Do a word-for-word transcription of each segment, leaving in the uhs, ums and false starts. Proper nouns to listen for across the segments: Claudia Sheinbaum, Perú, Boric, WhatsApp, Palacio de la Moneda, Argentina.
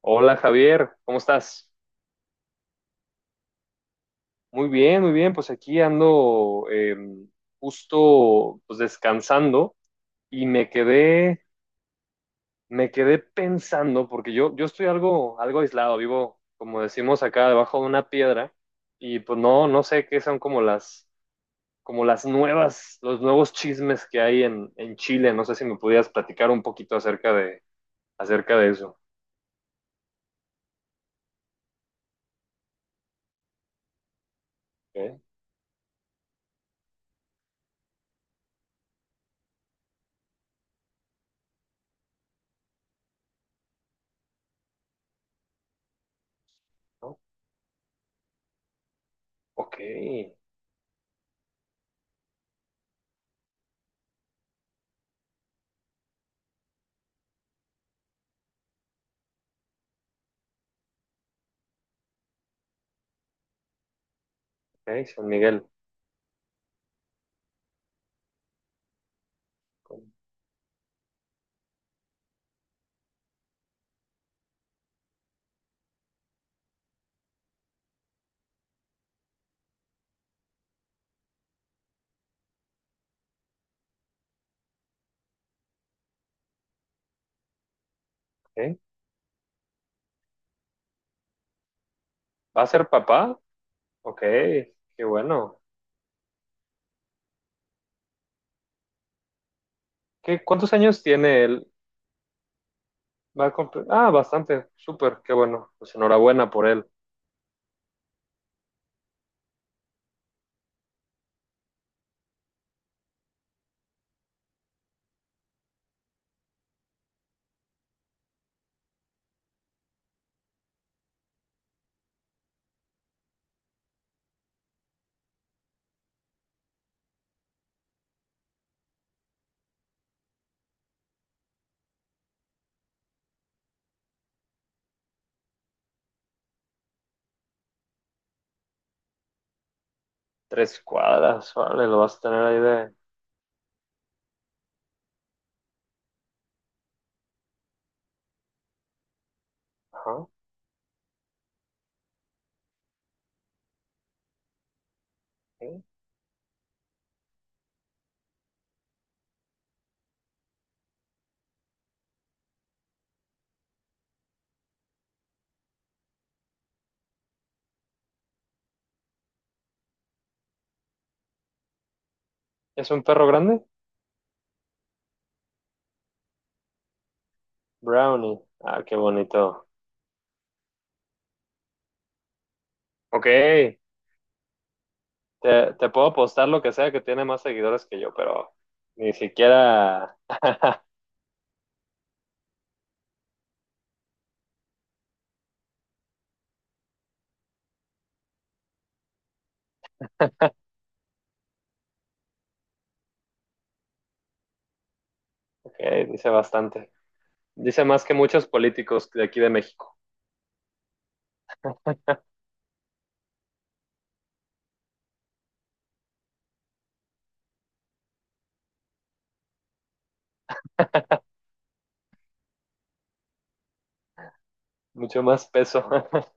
Hola Javier, ¿cómo estás? Muy bien, muy bien, pues aquí ando eh, justo pues descansando y me quedé, me quedé pensando, porque yo, yo estoy algo, algo aislado, vivo, como decimos acá, debajo de una piedra, y pues no, no sé qué son como las, como las nuevas, los nuevos chismes que hay en, en Chile. No sé si me pudieras platicar un poquito acerca de, acerca de eso. ¿Eh? ¿No? Ok, ok, San Miguel. Ok. ¿Va a ser papá? Ok, qué bueno. ¿Qué, cuántos años tiene él? Va a comple- ah, bastante, súper, qué bueno. Pues enhorabuena por él. Tres cuadras, vale, lo vas a tener ahí de... Ajá, ok. ¿Es un perro grande? Brownie. Ah, qué bonito. Ok, te, te puedo apostar lo que sea que tiene más seguidores que yo, pero ni siquiera... Ok, dice bastante. Dice más que muchos políticos de aquí de México. Mucho más peso.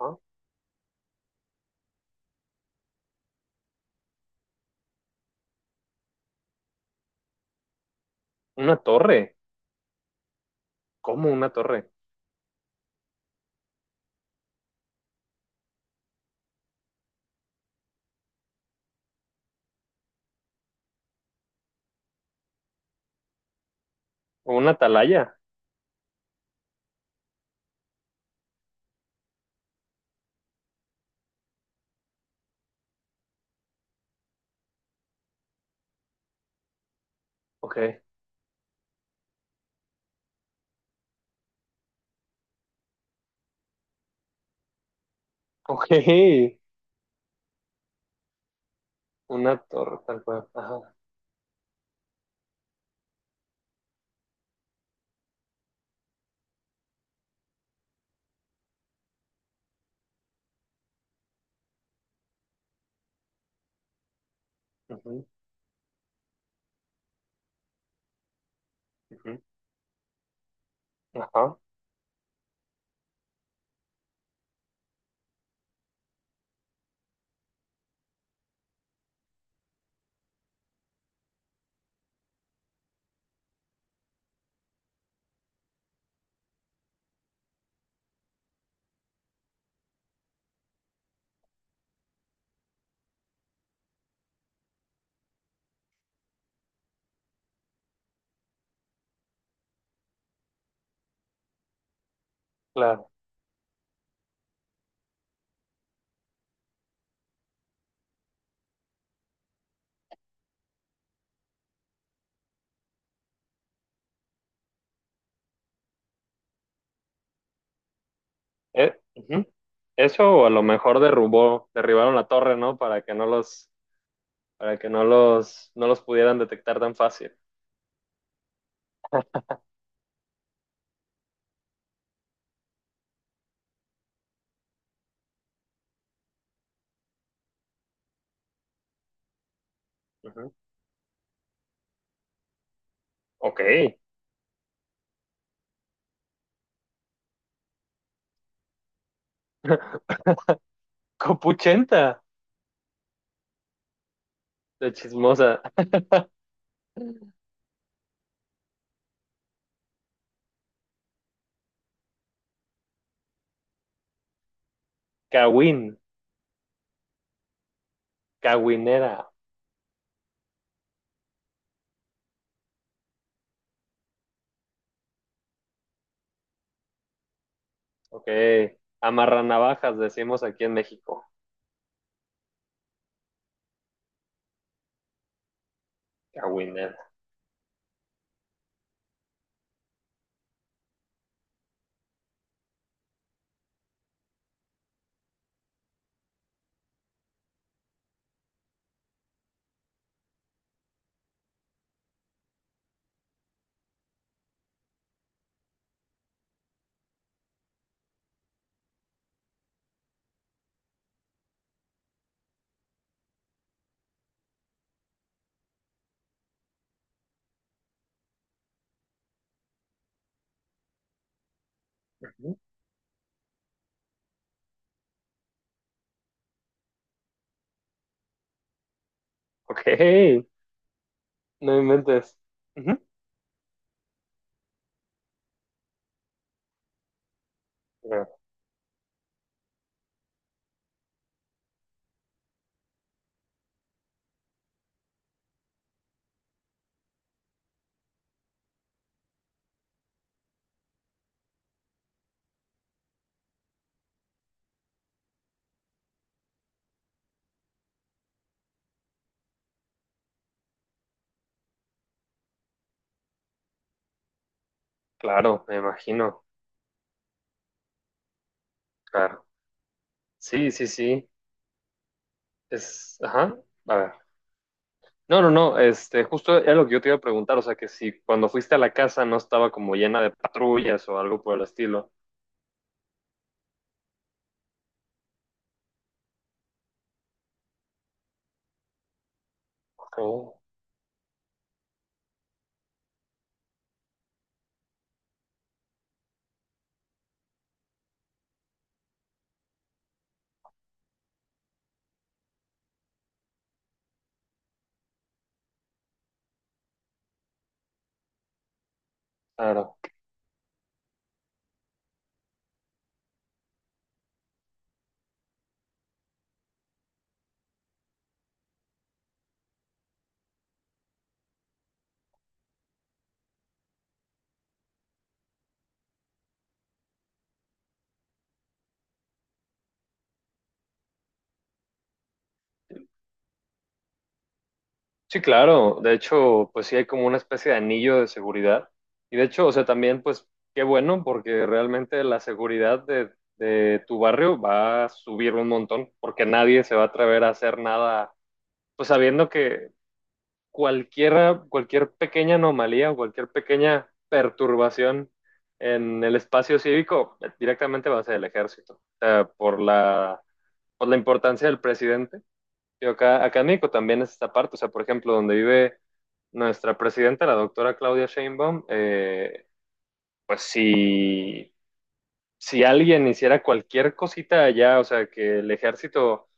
¿No? Una torre. ¿Cómo una torre? ¿O una atalaya? Ok, ok. Una torre, tal cual. Ajá. Ujú, ujú, ajá, claro. Eh, ujú. Eso o a lo mejor derrubó, derribaron la torre, ¿no? Para que no los, para que no los, no los pudieran detectar tan fácil. Ujú, ok. Copuchenta, de chismosa. Cawin, cawinera. Ok. Amarranavajas, decimos aquí en México. Cawinera. Ujú, ok. No inventes. Ujú. Claro, me imagino. Claro. Sí, sí, sí. Es, ajá. A ver. No, no, no. Este, justo era lo que yo te iba a preguntar. O sea, que si cuando fuiste a la casa no estaba como llena de patrullas o algo por el estilo. Oh, claro. Sí, claro. De hecho, pues sí hay como una especie de anillo de seguridad. Y de hecho, o sea, también, pues, qué bueno, porque realmente la seguridad de, de tu barrio va a subir un montón, porque nadie se va a atrever a hacer nada, pues sabiendo que cualquier, cualquier pequeña anomalía o cualquier pequeña perturbación en el espacio cívico eh, directamente va a ser el ejército. O sea, por la, por la importancia del presidente. Yo acá, acá en México también es esta parte. O sea, por ejemplo, donde vive nuestra presidenta, la doctora Claudia Sheinbaum, eh, pues si, si alguien hiciera cualquier cosita allá, o sea, que el ejército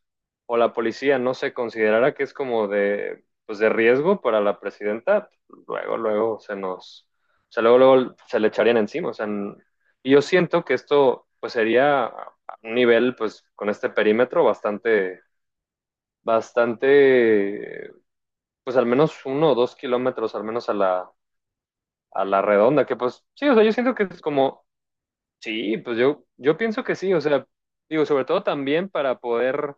o la policía no se considerara que es como de, pues de riesgo para la presidenta, luego, luego se nos, o sea, luego, luego se le echarían encima. O sea, y yo siento que esto, pues sería a un nivel, pues con este perímetro bastante, bastante, pues al menos uno o dos kilómetros, al menos a la, a la redonda, que pues sí, o sea, yo siento que es como, sí, pues yo, yo pienso que sí, o sea, digo, sobre todo también para poder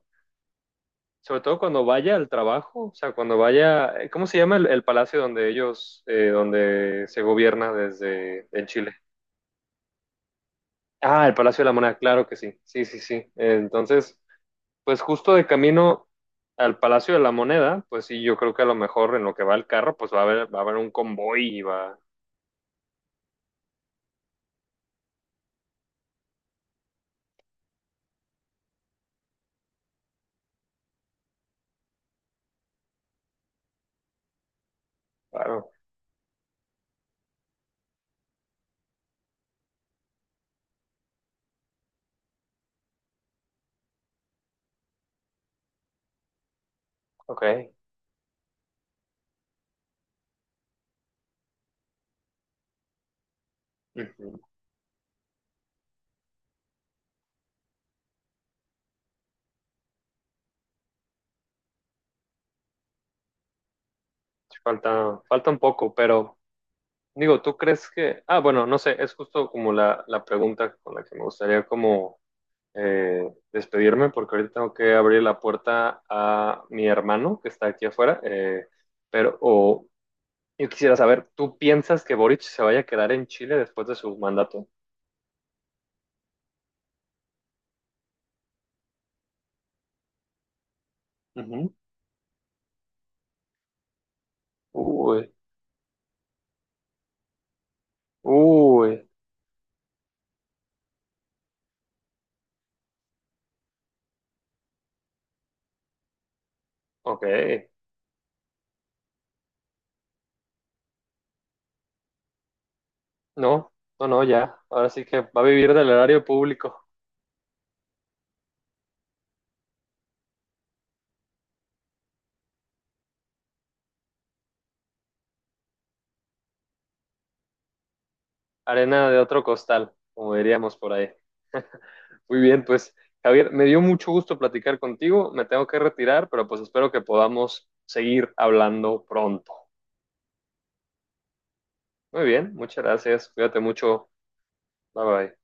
sobre todo cuando vaya al trabajo, o sea, cuando vaya, eh, ¿cómo se llama el, el palacio donde ellos, eh, donde se gobierna desde en Chile? Ah, el Palacio de la Moneda, claro que sí, sí, sí, sí. Eh, entonces, pues justo de camino al Palacio de la Moneda, pues sí, yo creo que a lo mejor en lo que va el carro, pues va a haber, va a haber un convoy y va, claro, ok. Ujú. Sí, falta, falta un poco, pero digo, ¿tú crees que, ah, bueno, no sé, es justo como la, la pregunta con la que me gustaría como eh, despedirme porque ahorita tengo que abrir la puerta a mi hermano que está aquí afuera. eh, pero o, yo quisiera saber, ¿tú piensas que Boric se vaya a quedar en Chile después de su mandato? Ujú. Uy, uy, ok. No, no, no, ya. Ahora sí que va a vivir del erario público. Arena de otro costal, como diríamos por ahí. Muy bien, pues Javier, me dio mucho gusto platicar contigo. Me tengo que retirar, pero pues espero que podamos seguir hablando pronto. Muy bien, muchas gracias. Cuídate mucho. Bye bye.